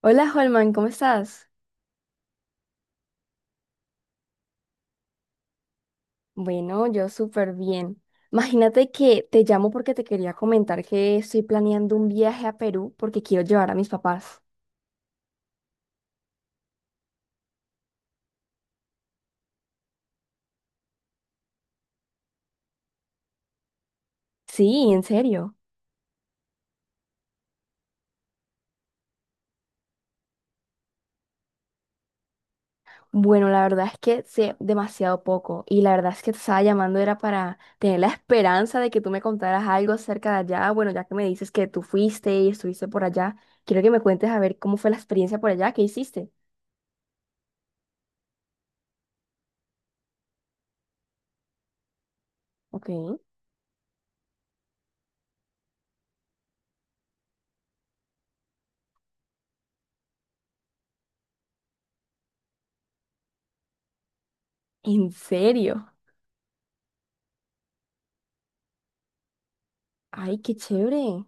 Hola, Holman, ¿cómo estás? Bueno, yo súper bien. Imagínate que te llamo porque te quería comentar que estoy planeando un viaje a Perú porque quiero llevar a mis papás. Sí, en serio. Bueno, la verdad es que sé demasiado poco y la verdad es que te estaba llamando era para tener la esperanza de que tú me contaras algo acerca de allá. Bueno, ya que me dices que tú fuiste y estuviste por allá, quiero que me cuentes a ver cómo fue la experiencia por allá, qué hiciste. Ok. ¿En serio? Ay, qué chévere.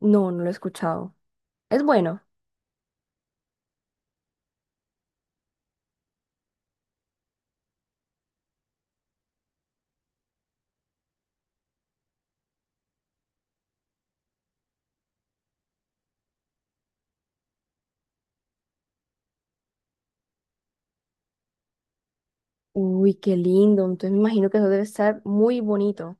No, no lo he escuchado. Es bueno. Uy, qué lindo. Entonces me imagino que eso debe estar muy bonito.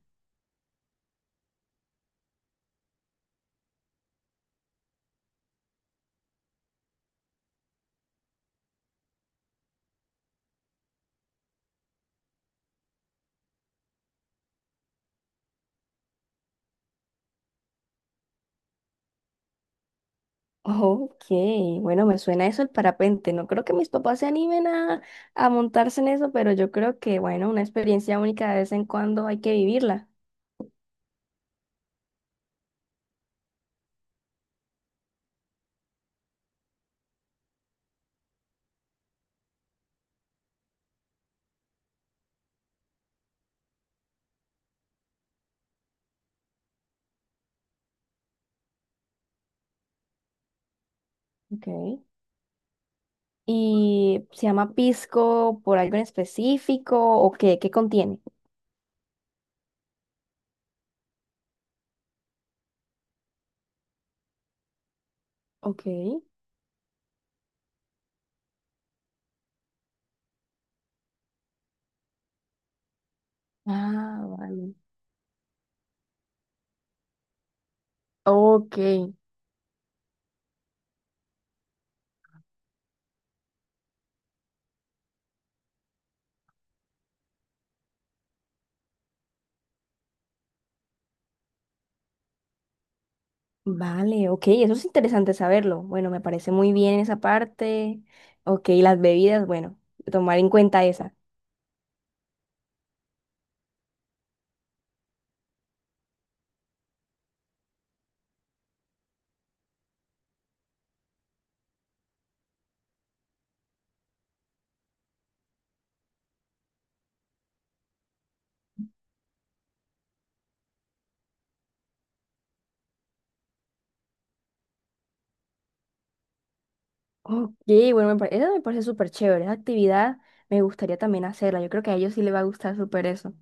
Ok, bueno, me suena eso el parapente. No creo que mis papás se animen a montarse en eso, pero yo creo que, bueno, una experiencia única de vez en cuando hay que vivirla. Ok. ¿Y se llama pisco por algo en específico o qué? ¿Qué contiene? Ok. Ah, vale. Ok. Vale, ok, eso es interesante saberlo. Bueno, me parece muy bien esa parte. Ok, las bebidas, bueno, tomar en cuenta esa. Ok, bueno, esa me parece súper chévere. Esa actividad me gustaría también hacerla. Yo creo que a ellos sí les va a gustar súper eso.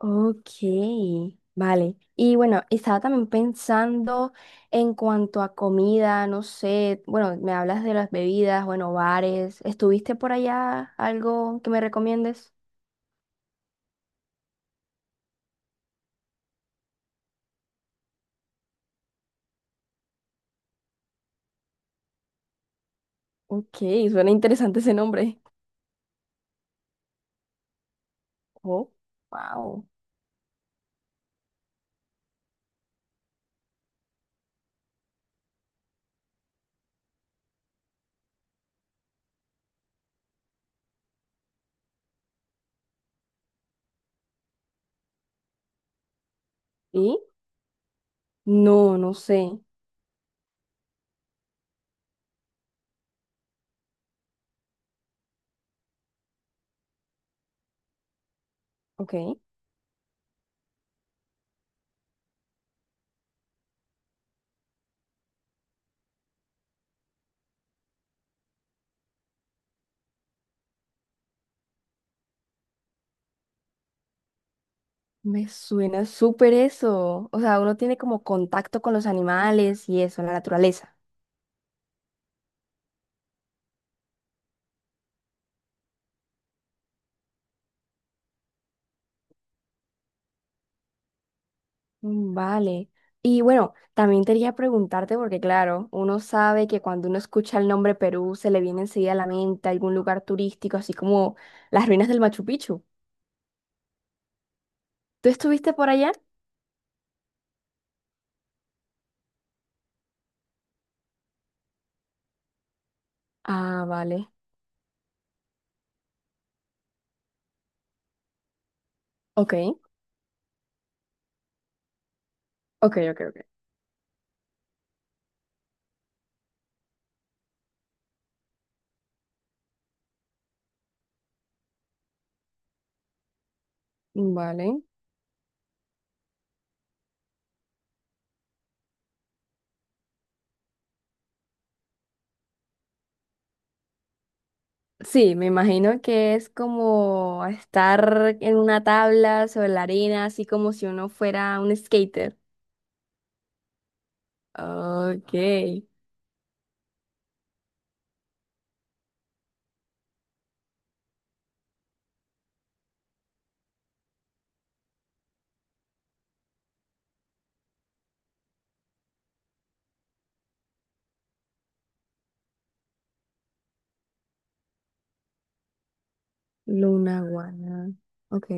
Ok, vale. Y bueno, estaba también pensando en cuanto a comida, no sé, bueno, me hablas de las bebidas, bueno, bares. ¿Estuviste por allá algo que me recomiendes? Ok, suena interesante ese nombre. Oh, wow. ¿Y? No, no sé. Ok. Me suena súper eso. O sea, uno tiene como contacto con los animales y eso, la naturaleza. Mm, vale. Y bueno, también te quería preguntarte, porque claro, uno sabe que cuando uno escucha el nombre Perú, se le viene enseguida a la mente algún lugar turístico, así como las ruinas del Machu Picchu. ¿Tú estuviste por allá? Ah, vale. Ok, ok, ok, ok. Vale. Sí, me imagino que es como estar en una tabla sobre la arena, así como si uno fuera un skater. Ok, Luna Guana. Ok.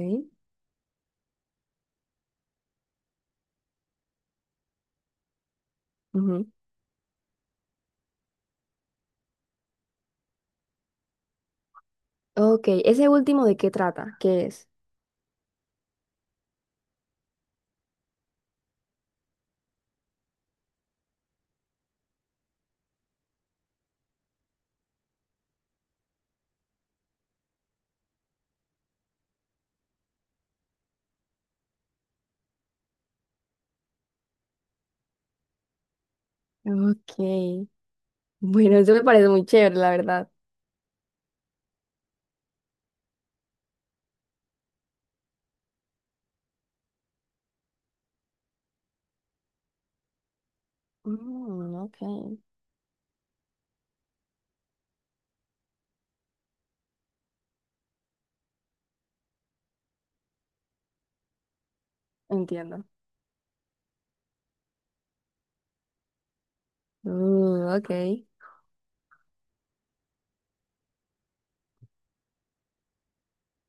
Ujú. Ok, ese último de qué trata, ¿qué es? Ok. Bueno, eso me parece muy chévere, la verdad. Mm, ok, entiendo. Mm, ok,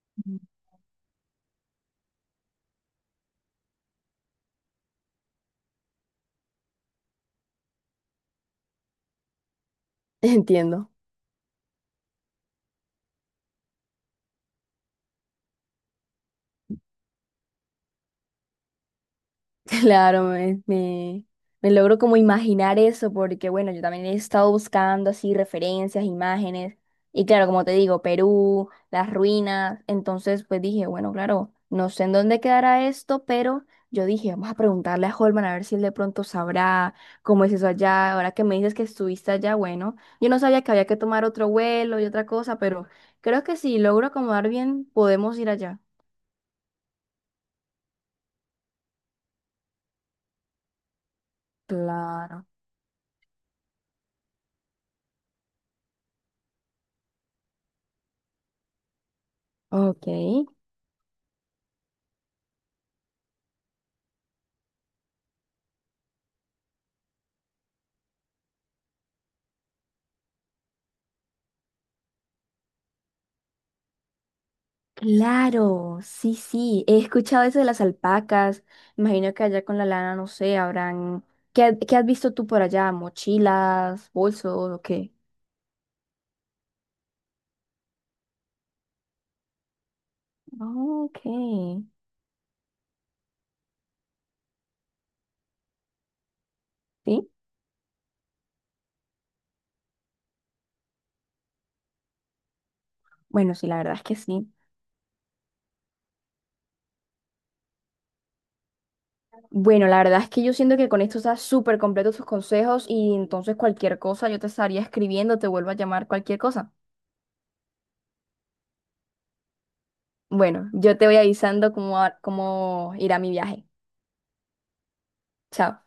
entiendo. Claro, me logro como imaginar eso porque, bueno, yo también he estado buscando así referencias, imágenes, y claro, como te digo, Perú, las ruinas, entonces pues dije, bueno, claro, no sé en dónde quedará esto, pero yo dije, vamos a preguntarle a Holman a ver si él de pronto sabrá cómo es eso allá, ahora que me dices que estuviste allá, bueno, yo no sabía que había que tomar otro vuelo y otra cosa, pero creo que si logro acomodar bien, podemos ir allá. Claro. Ok. Claro, sí, sí, he escuchado eso de las alpacas. Imagino que allá con la lana, no sé, habrán... ¿Qué, qué has visto tú por allá? ¿Mochilas, bolsos o qué? Ok, sí. Bueno, sí, la verdad es que sí. Bueno, la verdad es que yo siento que con esto está súper completo tus consejos y entonces cualquier cosa yo te estaría escribiendo, te vuelvo a llamar cualquier cosa. Bueno, yo te voy avisando cómo, cómo irá mi viaje. Chao.